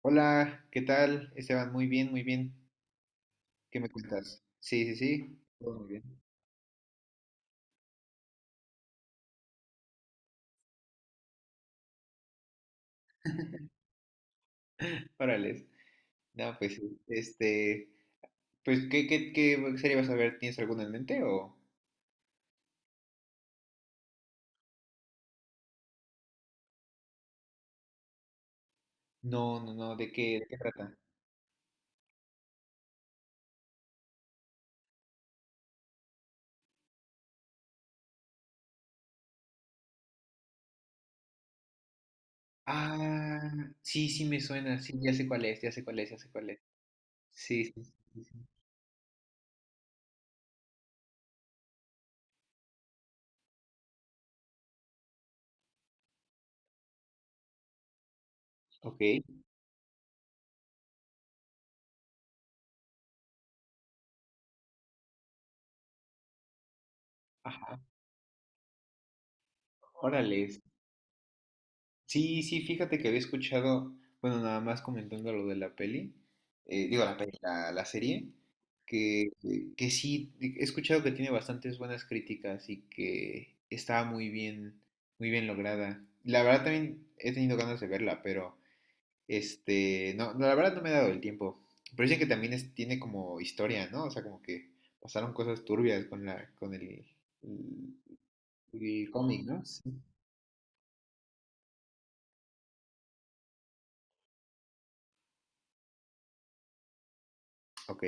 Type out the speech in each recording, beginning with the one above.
Hola, ¿qué tal? Esteban, muy bien, muy bien. ¿Qué me cuentas? Sí, sí, sí. Todo muy bien. Órale. No, pues sí. Pues, ¿qué serie vas a ver? ¿Tienes alguna en mente o...? No, no, no, ¿de qué trata? Ah, sí, sí me suena, sí, ya sé cuál es, ya sé cuál es, ya sé cuál es. Sí, sí, sí, sí, sí. Ok. Ajá, órale. Sí, sí, fíjate que había escuchado, bueno, nada más comentando lo de la peli, digo, la peli, la serie, que sí, he escuchado que tiene bastantes buenas críticas y que estaba muy bien lograda. La verdad también he tenido ganas de verla, pero no, no, la verdad no me he dado el tiempo. Pero dicen que también es- tiene como historia, ¿no? O sea, como que pasaron cosas turbias con la, con el, el cómic, ¿no? Sí. Ok,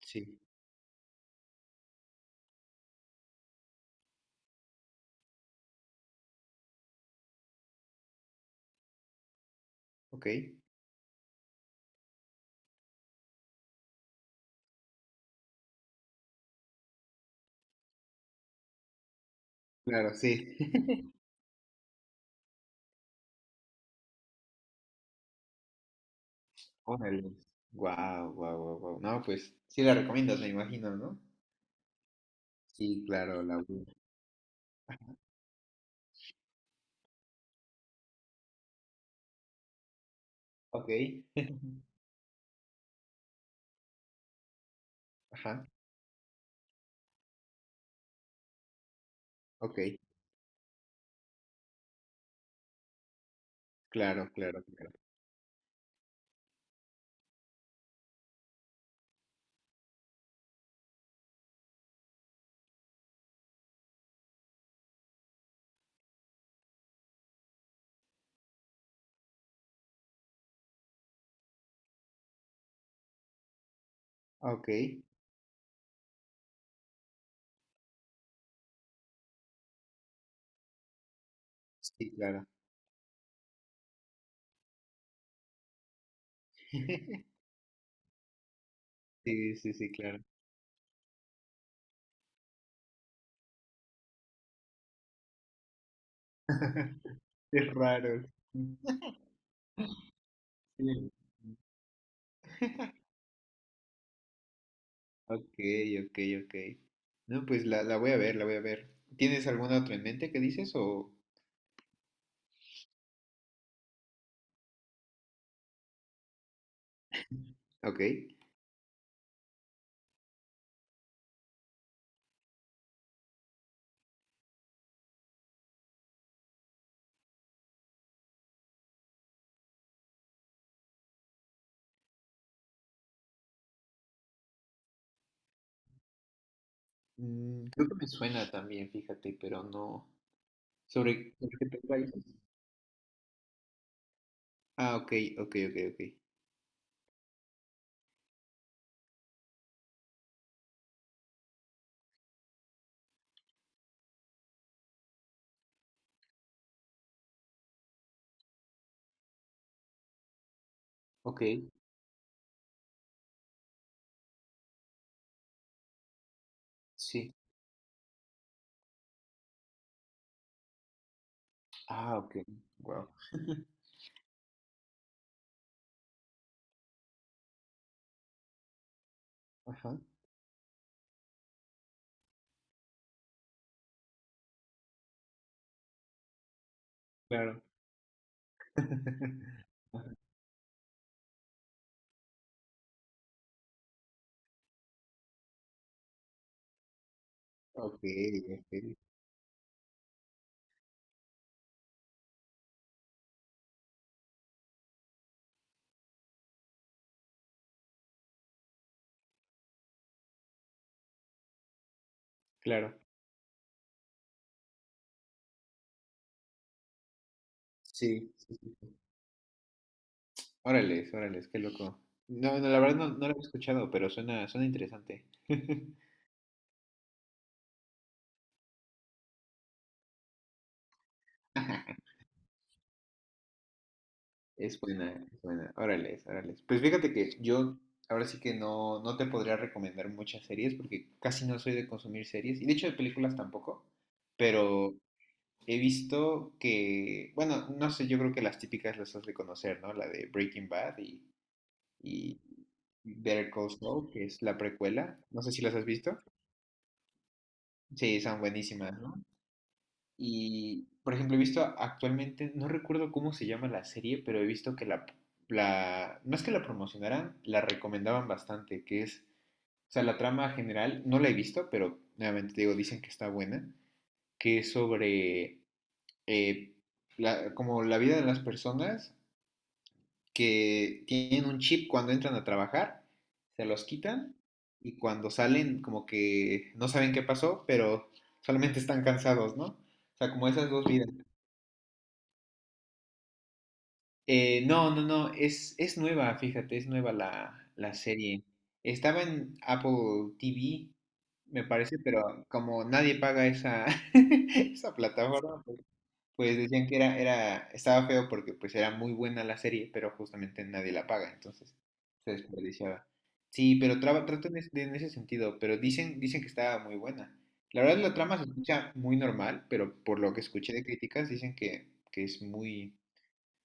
sí, ok. Claro, sí. Órale. Guau, guau, guau, guau. No, pues sí la recomiendas, me imagino, ¿no? Sí, claro, la voy- a- Ok. Ajá. Ok. Claro, claro, claro. Ok. Sí, claro. Sí, sí, sí, claro. Es raro. Sí. Ok, ok, ok. No, pues la voy a ver, la voy a ver. ¿Tienes alguna otra en mente que dices o...? Ok. Mm, creo que me suena también, fíjate, pero no. ¿Sobre, sobre qué trata? Ah, ok, ok, ok, ok. Ok, sí. Ah, ok. Wow. Ajá, claro. Ajá, ok, ok, claro. Sí, sí, sí. Órales, órales, qué loco. No, no, la verdad no, no lo he escuchado, pero suena, suena interesante. Es buena, es buena. Órales, órales. Pues fíjate que yo ahora sí que no, no te podría recomendar muchas series porque casi no soy de consumir series y de hecho de películas tampoco, pero he visto que, bueno, no sé, yo creo que las típicas las has de conocer, ¿no? La de Breaking Bad y Better Call Saul, que es la precuela. No sé si las has visto. Sí, son buenísimas, ¿no? Y, por ejemplo, he visto actualmente, no recuerdo cómo se llama la serie, pero he visto que la, no es que la promocionaran, la recomendaban bastante, que es, o sea, la trama general, no la he visto, pero nuevamente te digo, dicen que está buena, que es sobre eh, la- como la vida de las personas que tienen un chip cuando entran a trabajar, se los quitan y cuando salen como que no saben qué pasó, pero solamente están cansados, ¿no? O sea, como esas dos vidas. No, no, no, es nueva, fíjate, es nueva la, la serie. Estaba en Apple TV, me parece, pero como nadie paga esa, esa plataforma, pues decían que era, era, estaba feo porque pues era muy buena la serie, pero justamente nadie la paga, entonces se desperdiciaba. Sí, pero traba, tratan es- de- en ese sentido, pero dicen, dicen que estaba muy buena. La verdad la trama se escucha muy normal, pero por lo que escuché de críticas dicen que es muy,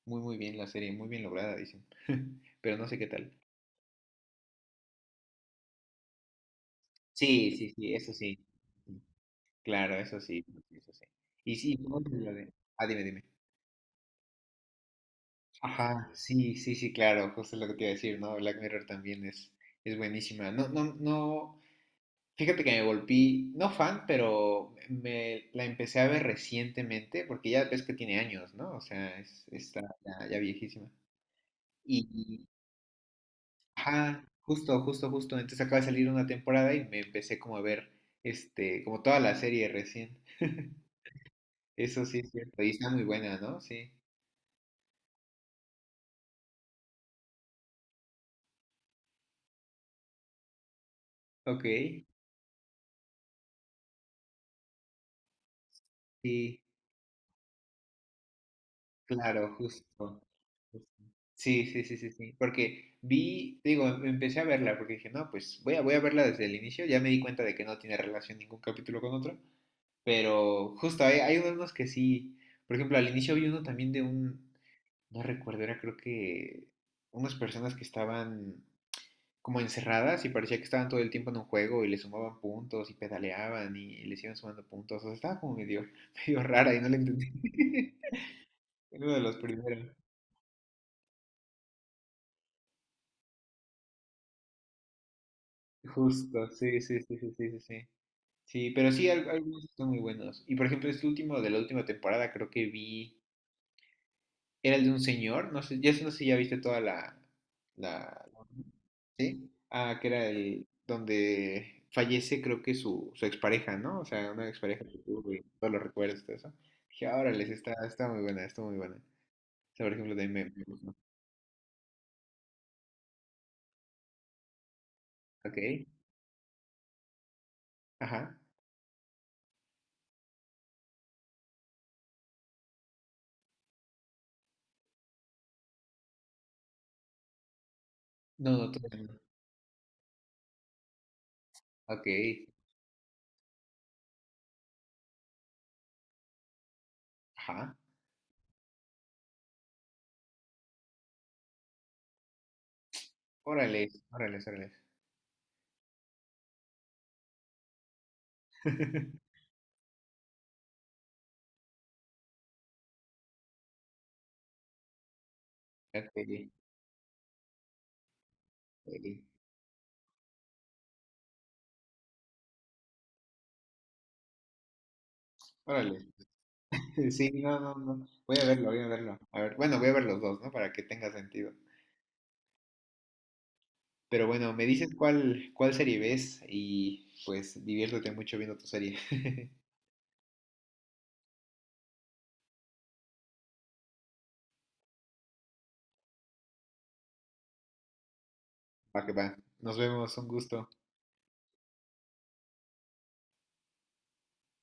muy, muy bien la serie, muy bien lograda, dicen. Pero no sé qué tal. Sí, sí, sí, eso sí. Claro, eso sí, eso sí. Y sí, ¿cómo es la de- Ah, dime, dime. Ajá, sí, sí, sí, claro, justo lo que te iba a decir, ¿no? Black Mirror también es buenísima. No, no, no, fíjate que me volví, no fan, pero me la empecé a ver recientemente, porque ya ves que tiene años, ¿no? O sea, es, está ya, ya viejísima. Y, ajá, justo, justo, justo. Entonces acaba de salir una temporada y me empecé como a ver, como toda la serie recién. Eso sí es cierto, y está muy buena, ¿no? Sí. Ok, sí. Claro, justo, justo. Sí, sí, sí, sí, sí. Porque vi, te digo, em- empecé a verla porque dije, no, pues voy a, voy a verla desde el inicio. Ya me di cuenta de que no tiene relación ningún capítulo con otro. Pero justo hay, hay unos que sí. Por ejemplo, al inicio vi uno también de un, no recuerdo, era creo que unas personas que estaban como encerradas y parecía que estaban todo el tiempo en un juego y le sumaban puntos y pedaleaban y, les iban sumando puntos. O sea, estaba como medio, medio rara y no la entendí. En uno de los primeros. Justo, sí, sí, sí, sí, sí, sí, sí, sí, pero sí, al- algunos están muy buenos. Y por ejemplo, este último de la última temporada creo que vi, era el de un señor, no sé, ya sé- no sé si ya viste toda la, la, ¿sí? Ah, que era el, donde fallece creo que su expareja, ¿no? O sea, una expareja que tuvo y todos los recuerdos y todo eso. Dije, órale, sí, está, está muy buena, está muy buena. O sea, por ejemplo, de me, me gustó. Ok, ajá. No, no, todavía no. Ok, ajá. Órale, órale, órale. Ok, ok. Órale. Sí, no, no, no. Voy a verlo, voy a verlo. A ver, bueno, voy a ver los dos, ¿no? Para que tenga sentido. Pero bueno, me dices cuál, cuál serie ves y pues diviértete mucho viendo tu serie. Va que va. Nos vemos, un gusto.